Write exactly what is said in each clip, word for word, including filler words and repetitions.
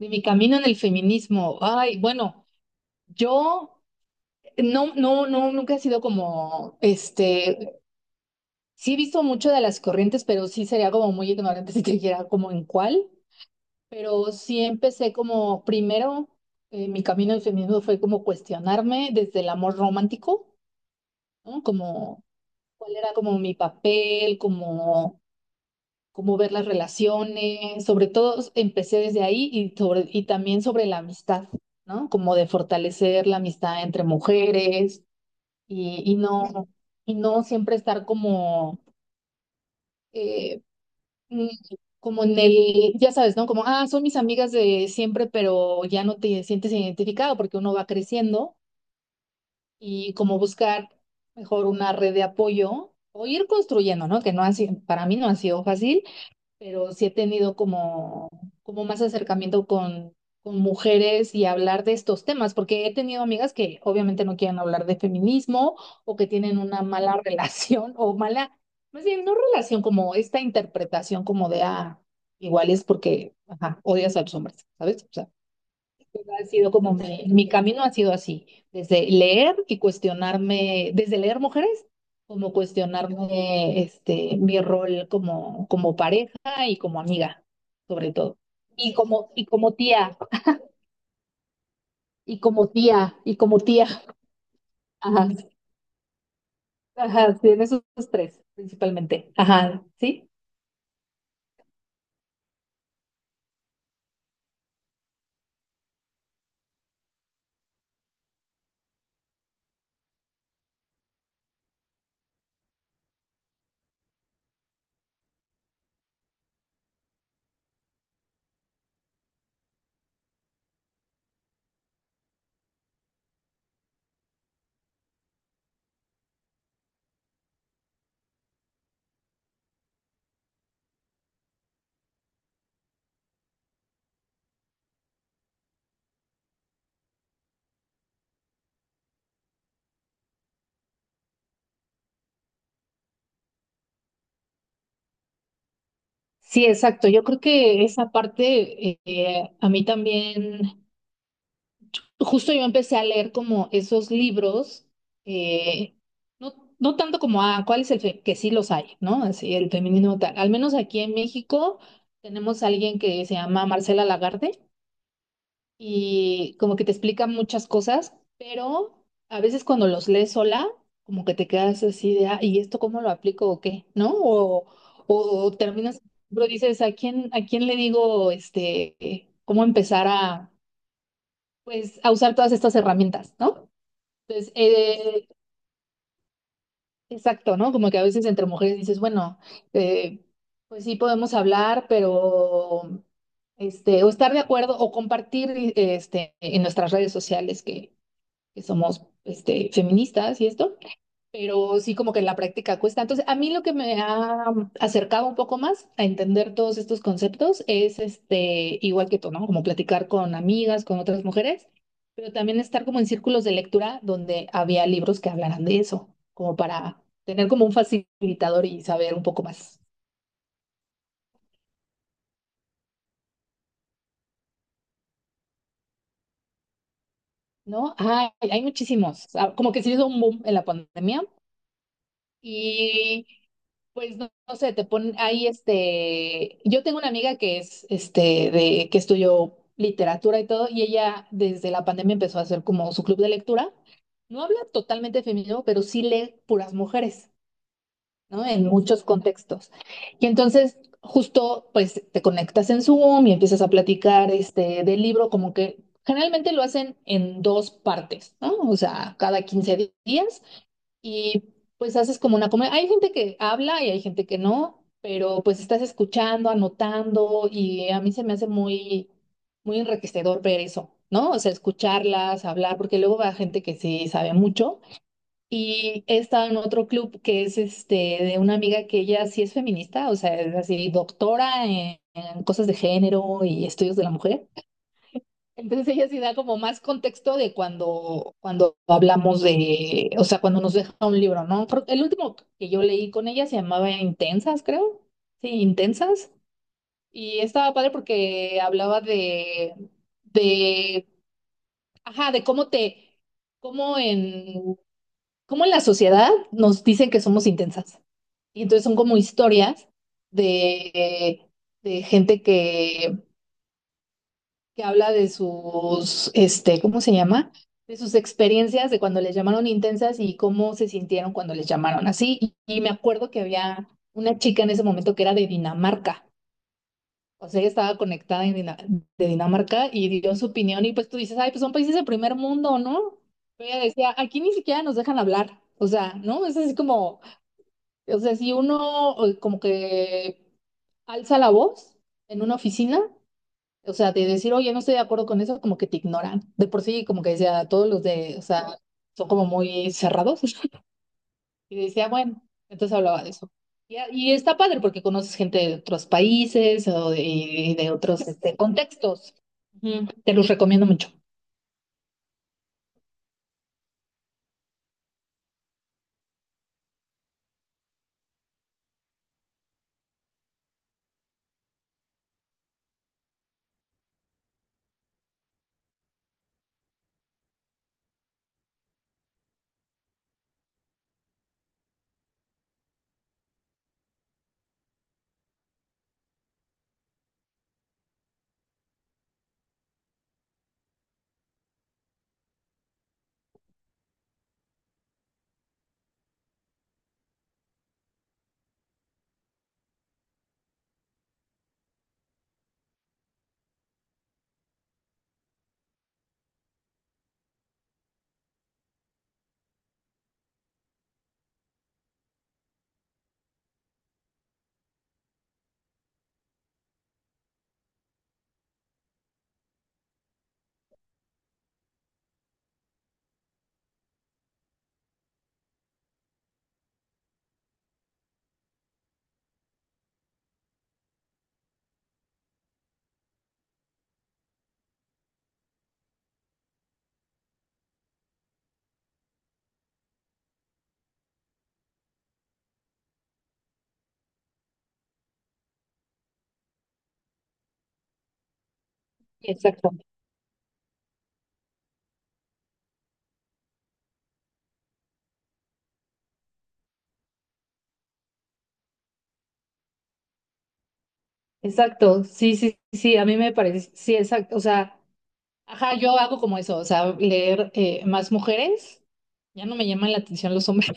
De mi camino en el feminismo. Ay, bueno, yo no, no, no, nunca he sido como, este, sí he visto mucho de las corrientes, pero sí sería como muy ignorante si te dijera como en cuál, pero sí empecé como, primero, eh, mi camino del feminismo fue como cuestionarme desde el amor romántico, ¿no? Como cuál era como mi papel, como cómo ver las relaciones, sobre todo empecé desde ahí y, sobre, y también sobre la amistad, ¿no? Como de fortalecer la amistad entre mujeres y, y no, y no siempre estar como, eh, mm, como en el, ya sabes, ¿no? Como, ah, son mis amigas de siempre, pero ya no te sientes identificado porque uno va creciendo y como buscar mejor una red de apoyo o ir construyendo, ¿no? Que no ha sido, para mí no ha sido fácil, pero sí he tenido como, como más acercamiento con, con mujeres y hablar de estos temas, porque he tenido amigas que obviamente no quieren hablar de feminismo o que tienen una mala relación o mala, más bien no relación, como esta interpretación como de, ah, igual es porque, ajá, odias a los hombres, ¿sabes? O sea, ha sido como mi, mi camino ha sido así, desde leer y cuestionarme, desde leer mujeres, como cuestionarme este, mi rol como, como pareja y como amiga, sobre todo. Y como, y como tía, y como tía, y como tía. Ajá, ajá, sí, en esos tres principalmente. Ajá, sí. Sí, exacto. Yo creo que esa parte eh, a mí también, justo yo empecé a leer como esos libros, eh, no, no tanto como, ah, ¿cuál es el fe-?", que sí los hay, ¿no? Así, el feminismo tal. Al menos aquí en México tenemos a alguien que se llama Marcela Lagarde y como que te explica muchas cosas, pero a veces cuando los lees sola, como que te quedas así de, ah, ¿y esto cómo lo aplico o qué? ¿No? O, o terminas, pero dices, ¿a quién, a quién le digo, este, cómo empezar a, pues, a usar todas estas herramientas, ¿no? Entonces, eh, exacto, ¿no? Como que a veces entre mujeres dices, bueno, eh, pues sí podemos hablar, pero este, o estar de acuerdo o compartir este, en nuestras redes sociales que, que somos este, feministas y esto, pero sí como que en la práctica cuesta. Entonces, a mí lo que me ha mm, acercado un poco más a entender todos estos conceptos es, este, igual que tú, ¿no? Como platicar con amigas, con otras mujeres, pero también estar como en círculos de lectura donde había libros que hablaran de eso, como para tener como un facilitador y saber un poco más, ¿no? Ay, hay muchísimos. Ah, como que se hizo un boom en la pandemia. Y pues no, no sé, te ponen ahí este, yo tengo una amiga que es este, de que estudió literatura y todo y ella desde la pandemia empezó a hacer como su club de lectura. No habla totalmente feminismo, pero sí lee puras mujeres, ¿no? En muchos contextos. Y entonces justo pues te conectas en Zoom y empiezas a platicar este del libro, como que generalmente lo hacen en dos partes, ¿no? O sea, cada quince días, y pues haces como una comunidad. Hay gente que habla y hay gente que no, pero pues estás escuchando, anotando, y a mí se me hace muy, muy enriquecedor ver eso, ¿no? O sea, escucharlas, hablar, porque luego va gente que sí sabe mucho. Y he estado en otro club que es este, de una amiga que ella sí es feminista, o sea, es así doctora en en cosas de género y estudios de la mujer. Entonces ella sí da como más contexto de cuando, cuando hablamos de, o sea, cuando nos deja un libro, ¿no? Creo- El último que yo leí con ella se llamaba Intensas, creo. Sí, Intensas. Y estaba padre porque hablaba de, de, ajá, de cómo te, cómo en, cómo en la sociedad nos dicen que somos intensas. Y entonces son como historias de, de gente que que habla de sus, este, ¿cómo se llama? De sus experiencias de cuando les llamaron intensas y cómo se sintieron cuando les llamaron así. Y, y me acuerdo que había una chica en ese momento que era de Dinamarca. O sea, ella estaba conectada en Dina- de Dinamarca y dio su opinión y pues tú dices, ay, pues son países de primer mundo, ¿no? Pero ella decía, aquí ni siquiera nos dejan hablar. O sea, ¿no? Es así como, o sea, si uno eh, como que alza la voz en una oficina, o sea, de decir, oye, no estoy de acuerdo con eso, como que te ignoran. De por sí, como que decía, todos los de, o sea, son como muy cerrados. Y decía, bueno, entonces hablaba de eso. Y, a- y está padre porque conoces gente de otros países o de, y de otros este, contextos. Ujú. Te los recomiendo mucho. Exacto, exacto. Sí, sí, sí, a mí me parece, sí, exacto. O sea, ajá, yo hago como eso, o sea, leer eh, más mujeres. Ya no me llaman la atención los hombres.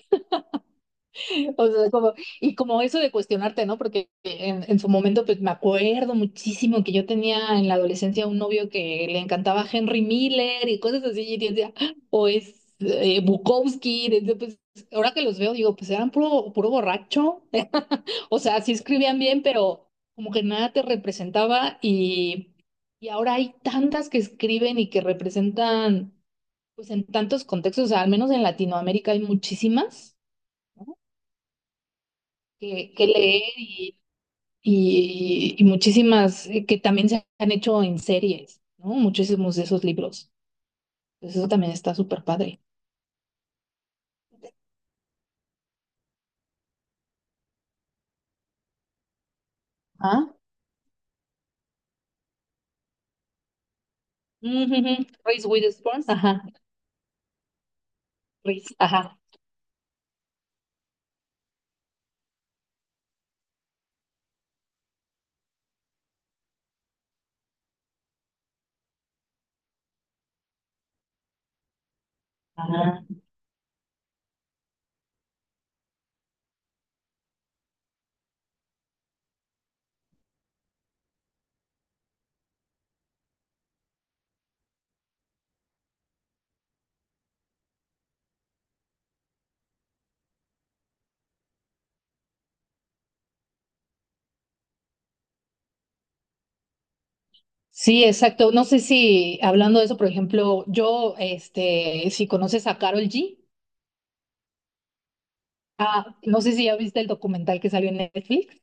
O sea, como, y como eso de cuestionarte, ¿no? Porque en, en su momento, pues me acuerdo muchísimo que yo tenía en la adolescencia un novio que le encantaba Henry Miller y cosas así, y decía, "Ah, o es eh, Bukowski", desde, pues, ahora que los veo, digo, pues eran puro, puro borracho. O sea, sí escribían bien, pero como que nada te representaba, y, y ahora hay tantas que escriben y que representan, pues en tantos contextos, o sea, al menos en Latinoamérica hay muchísimas, ¿no? Que, que leer, y, y- y muchísimas eh, que también se han hecho en series, ¿no? Muchísimos de esos libros. Entonces eso también está súper padre. Ah, ujú, Reese Witherspoon, ajá, Reese, ajá, ajá. Sí, exacto. No sé, si hablando de eso, por ejemplo, yo, este, si conoces a Carol G, ah, no sé si ya viste el documental que salió en Netflix.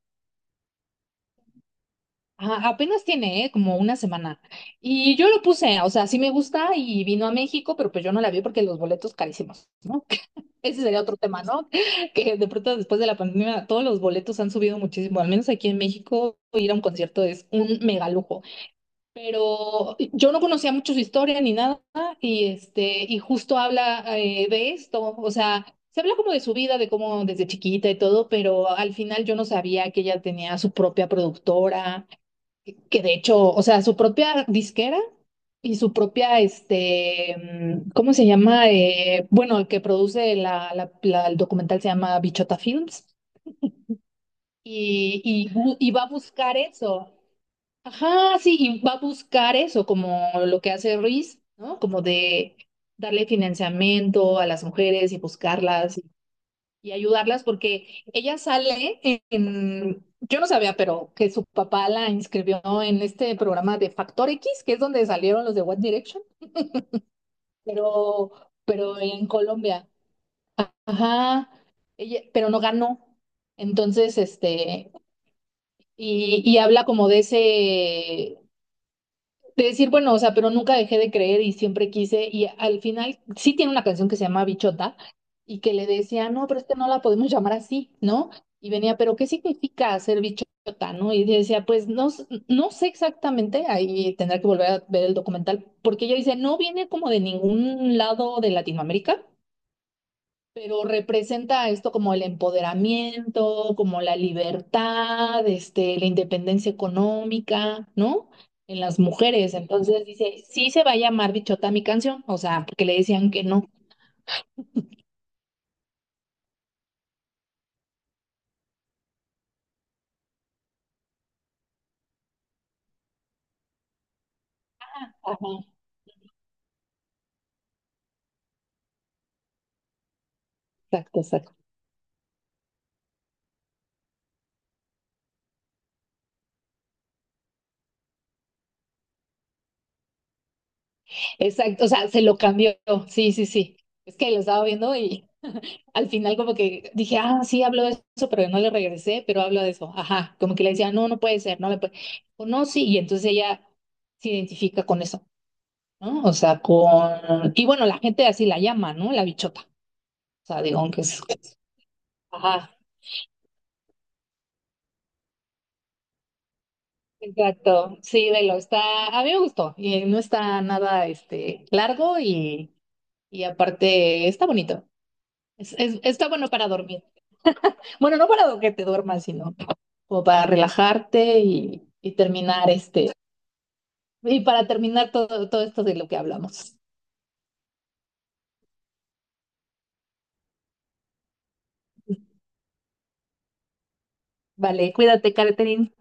Ajá, apenas tiene, ¿eh?, como una semana. Y yo lo puse, o sea, sí me gusta, y vino a México, pero pues yo no la vi porque los boletos carísimos, ¿no? Ese sería otro tema, ¿no? Que de pronto después de la pandemia todos los boletos han subido muchísimo, al menos aquí en México ir a un concierto es un mega lujo. Pero yo no conocía mucho su historia ni nada, y este, y justo habla eh, de esto, o sea, se habla como de su vida, de cómo desde chiquita y todo, pero al final yo no sabía que ella tenía su propia productora, que de hecho, o sea, su propia disquera y su propia, este, mm, ¿cómo se llama? Eh, bueno, el que produce la, la- la- el documental se llama Bichota Films, y, y, bu- y va a buscar eso. Ajá, sí, y va a buscar eso, como lo que hace Ruiz, ¿no? Como de darle financiamiento a las mujeres y buscarlas y ayudarlas porque ella sale en, yo no sabía, pero que su papá la inscribió en este programa de Factor X, que es donde salieron los de One Direction, pero, pero en Colombia. Ajá, ella, pero no ganó. Entonces, este, y, y habla como de ese, de decir, bueno, o sea, pero nunca dejé de creer y siempre quise. Y al final sí tiene una canción que se llama Bichota, y que le decía, no, pero es que no la podemos llamar así, ¿no? Y venía, pero ¿qué significa ser bichota, no? Y yo decía, pues no, s- no sé exactamente, ahí tendrá que volver a ver el documental, porque ella dice, no viene como de ningún lado de Latinoamérica, pero representa esto como el empoderamiento, como la libertad, este, la independencia económica, ¿no? En las mujeres. Entonces dice, sí se va a llamar Bichota mi canción, o sea, porque le decían que no. Ajá, exacto, exacto. Exacto, o sea, se lo cambió. Sí, sí, sí. Es que lo estaba viendo, y al final como que dije, ah, sí, habló de eso, pero no le regresé, pero hablo de eso. Ajá, como que le decía, no, no puede ser, no me puede. O no, sí, y entonces ella se identifica con eso, ¿no? O sea, con... Y bueno, la gente así la llama, ¿no? La bichota. O sea, digo, aunque es... Ajá, exacto. Sí, velo, está... A mí me gustó. Y no está nada, este, largo, y, y aparte está bonito. Es, es- está bueno para dormir. Bueno, no para que te duermas, sino como para relajarte y, y terminar este... Y para terminar todo, todo esto de lo que hablamos. Vale, cuídate, Catherine.